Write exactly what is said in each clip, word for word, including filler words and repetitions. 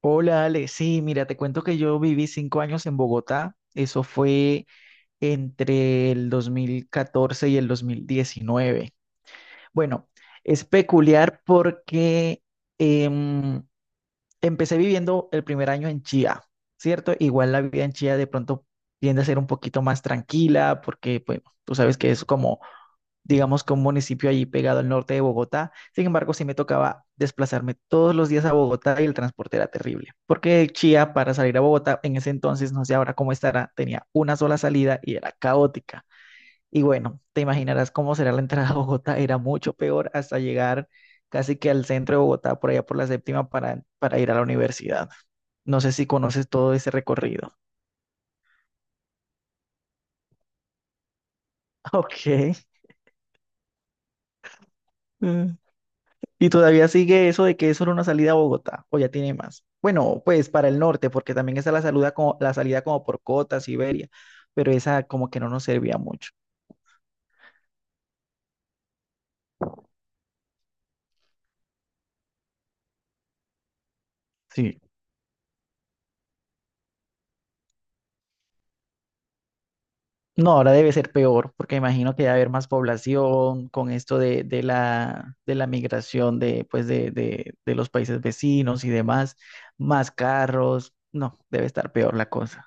Hola Ale, sí, mira, te cuento que yo viví cinco años en Bogotá, eso fue entre el dos mil catorce y el dos mil diecinueve. Bueno, es peculiar porque em, empecé viviendo el primer año en Chía, ¿cierto? Igual la vida en Chía de pronto tiende a ser un poquito más tranquila porque, pues, tú sabes que es como digamos que un municipio allí pegado al norte de Bogotá. Sin embargo, sí me tocaba desplazarme todos los días a Bogotá y el transporte era terrible, porque de Chía para salir a Bogotá en ese entonces, no sé ahora cómo estará, tenía una sola salida y era caótica. Y bueno, te imaginarás cómo será la entrada a Bogotá, era mucho peor hasta llegar casi que al centro de Bogotá, por allá por la séptima, para, para ir a la universidad. No sé si conoces todo ese recorrido. Ok. Mm. Y todavía sigue eso de que es solo una salida a Bogotá, o ya tiene más. Bueno, pues para el norte, porque también está la salida como, la salida como por Cota, Siberia, pero esa como que no nos servía mucho. Sí, no, ahora debe ser peor, porque imagino que va a haber más población con esto de, de la, de la migración de, pues de, de, de los países vecinos y demás, más carros. No, debe estar peor la cosa.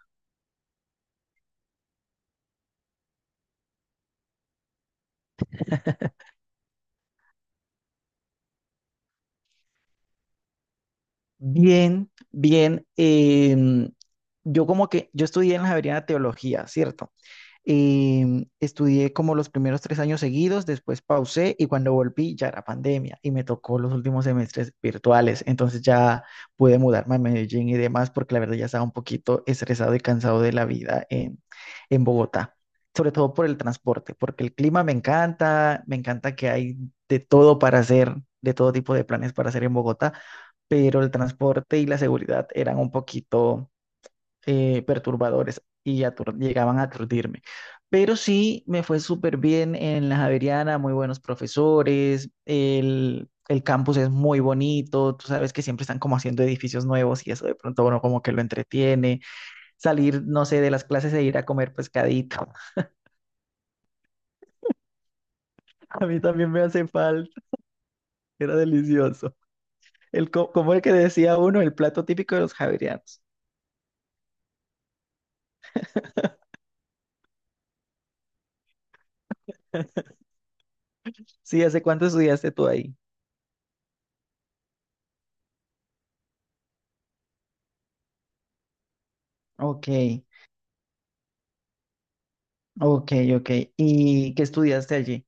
Bien, bien. em, yo como que, yo estudié en la Javeriana Teología, ¿cierto? Y estudié como los primeros tres años seguidos, después pausé y cuando volví ya era pandemia y me tocó los últimos semestres virtuales. Entonces ya pude mudarme a Medellín y demás porque la verdad ya estaba un poquito estresado y cansado de la vida en, en Bogotá, sobre todo por el transporte, porque el clima me encanta, me encanta que hay de todo para hacer, de todo tipo de planes para hacer en Bogotá, pero el transporte y la seguridad eran un poquito eh, perturbadores y atur- llegaban a aturdirme. Pero sí me fue súper bien en la Javeriana, muy buenos profesores, el, el campus es muy bonito, tú sabes que siempre están como haciendo edificios nuevos y eso de pronto uno como que lo entretiene. Salir, no sé, de las clases e ir a comer pescadito. A mí también me hace falta, era delicioso. El, co- como el que decía uno, el plato típico de los javerianos. Sí, ¿hace cuánto estudiaste tú ahí? Ok, ok, ok. ¿Y qué estudiaste allí?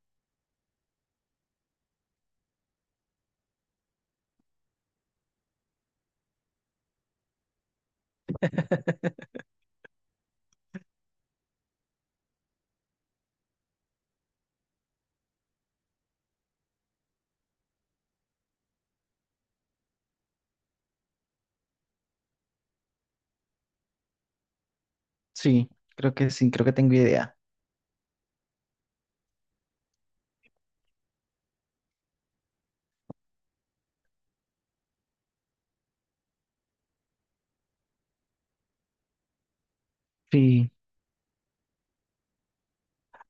Sí, creo que sí, creo que tengo idea. Sí.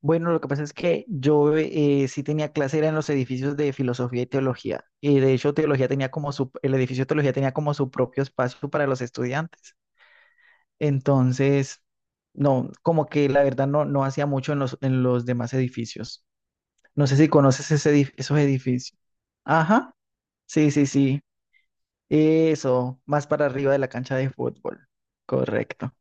Bueno, lo que pasa es que yo eh, sí tenía clase, era en los edificios de filosofía y teología. Y de hecho, teología tenía como su, el edificio de teología tenía como su propio espacio para los estudiantes. Entonces, no, como que la verdad no, no hacía mucho en los, en los demás edificios. No sé si conoces ese edif- esos edificios. Ajá, sí, sí, sí. Eso, más para arriba de la cancha de fútbol. Correcto.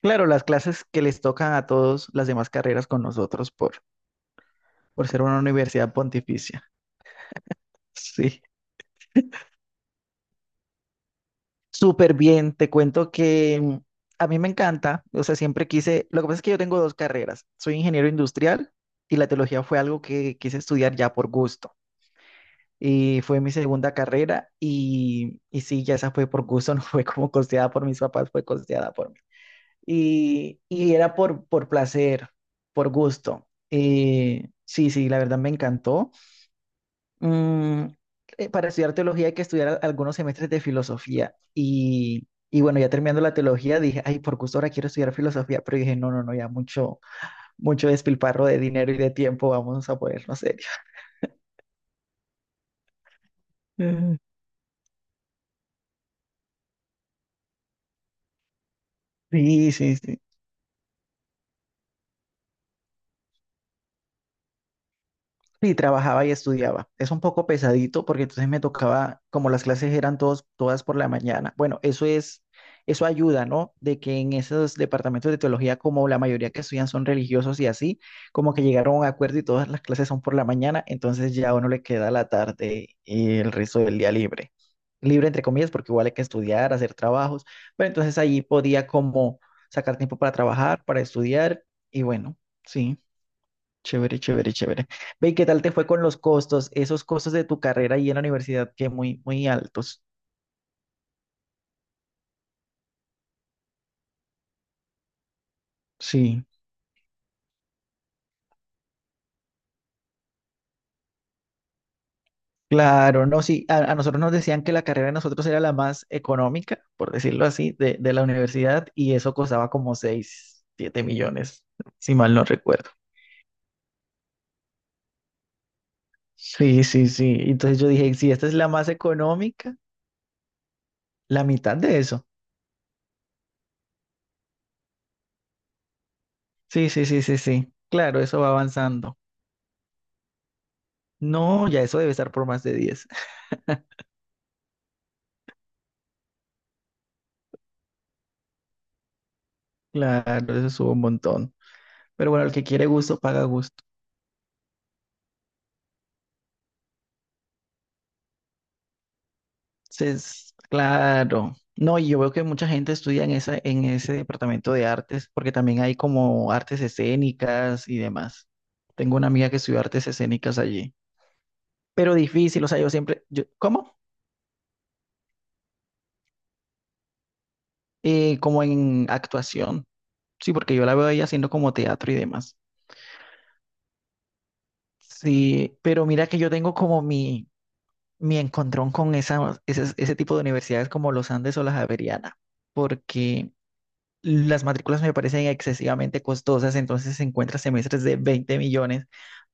Claro, las clases que les tocan a todos las demás carreras con nosotros por, por ser una universidad pontificia. Sí, súper bien. Te cuento que mm, a mí me encanta, o sea, siempre quise, lo que pasa es que yo tengo dos carreras. Soy ingeniero industrial y la teología fue algo que quise estudiar ya por gusto. Y fue mi segunda carrera y, y sí, ya esa fue por gusto, no fue como costeada por mis papás, fue costeada por mí. Y, y era por, por placer, por gusto. Eh, sí, sí, la verdad me encantó. mm, eh, para estudiar teología hay que estudiar al- algunos semestres de filosofía. Y, y bueno, ya terminando la teología, dije, ay, por gusto ahora quiero estudiar filosofía, pero dije, no, no, no, ya mucho, mucho despilfarro de dinero y de tiempo, vamos a ponernos serios. Mm. Sí, sí, sí. Sí, trabajaba y estudiaba. Es un poco pesadito porque entonces me tocaba, como las clases eran todos, todas por la mañana. Bueno, eso es, eso ayuda, ¿no? De que en esos departamentos de teología, como la mayoría que estudian son religiosos y así, como que llegaron a un acuerdo y todas las clases son por la mañana, entonces ya a uno le queda la tarde y el resto del día libre. Libre entre comillas, porque igual hay que estudiar, hacer trabajos, pero entonces ahí podía como sacar tiempo para trabajar, para estudiar y bueno, sí. Chévere, chévere, chévere. Ve, ¿y qué tal te fue con los costos? Esos costos de tu carrera ahí en la universidad que muy, muy altos. Sí, claro, no, sí. A, a nosotros nos decían que la carrera de nosotros era la más económica, por decirlo así, de, de la universidad y eso costaba como seis siete millones, si mal no recuerdo. Sí, sí, sí. Entonces yo dije, si esta es la más económica, la mitad de eso. Sí, sí, sí, sí, sí. Claro, eso va avanzando. No, ya eso debe estar por más de diez. Claro, eso sube un montón. Pero bueno, el que quiere gusto paga gusto. Entonces, claro. No, y yo veo que mucha gente estudia en esa, en ese departamento de artes, porque también hay como artes escénicas y demás. Tengo una amiga que estudió artes escénicas allí. Pero difícil, o sea, yo siempre, yo- ¿cómo? Eh, como en actuación. Sí, porque yo la veo ahí haciendo como teatro y demás. Sí, pero mira que yo tengo como mi, mi encontrón con esa, ese, ese tipo de universidades como los Andes o la Javeriana, porque Las matrículas me parecen excesivamente costosas, entonces se encuentra semestres de veinte millones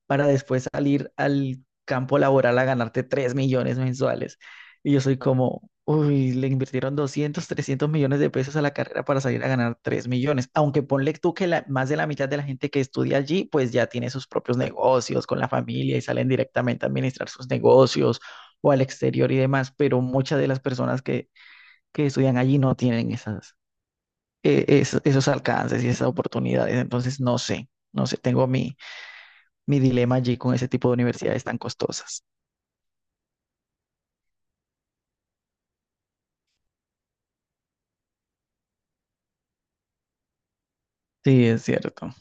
para después salir al campo laboral a ganarte tres millones mensuales. Y yo soy como, uy, le invirtieron doscientos trescientos millones de pesos a la carrera para salir a ganar tres millones. Aunque ponle tú que la- más de la mitad de la gente que estudia allí, pues ya tiene sus propios negocios con la familia y salen directamente a administrar sus negocios o al exterior y demás, pero muchas de las personas que, que estudian allí no tienen esas eh, eso- esos alcances y esas oportunidades. Entonces, no sé, no sé, tengo mi, mi dilema allí con ese tipo de universidades tan costosas. Sí, es cierto.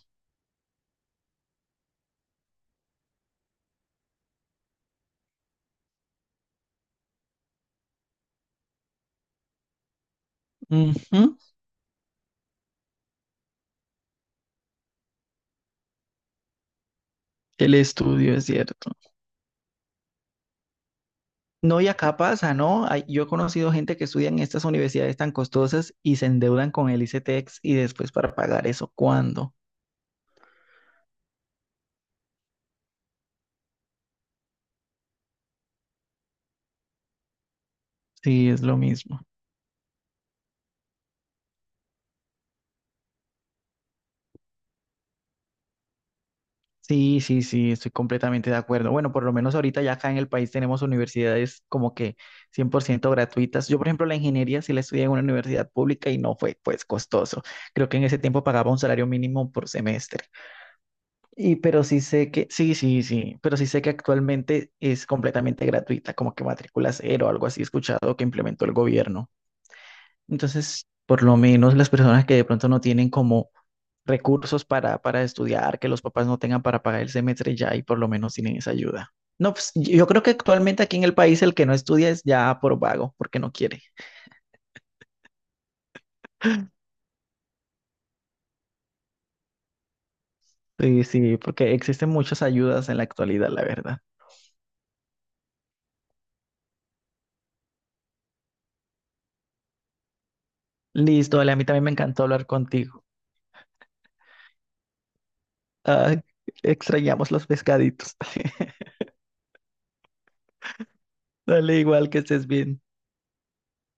Ujú, el estudio es cierto. No, y acá pasa, ¿no? Hay- yo he conocido gente que estudia en estas universidades tan costosas y se endeudan con el ICETEX y después para pagar eso, ¿cuándo? Sí, es lo mismo. Sí, sí, sí, estoy completamente de acuerdo. Bueno, por lo menos ahorita ya acá en el país tenemos universidades como que cien por ciento gratuitas. Yo, por ejemplo, la ingeniería sí la estudié en una universidad pública y no fue pues costoso. Creo que en ese tiempo pagaba un salario mínimo por semestre. Y pero sí sé que, sí, sí, sí, pero sí sé que actualmente es completamente gratuita, como que matrícula cero o algo así he escuchado que implementó el gobierno. Entonces, por lo menos las personas que de pronto no tienen como recursos para, para estudiar, que los papás no tengan para pagar el semestre ya y por lo menos tienen esa ayuda. No, pues yo creo que actualmente aquí en el país el que no estudia es ya por vago, porque no quiere. Sí, sí, porque existen muchas ayudas en la actualidad, la verdad. Listo, dale, a mí también me encantó hablar contigo. Ah, extrañamos los pescaditos. Dale, igual que estés bien.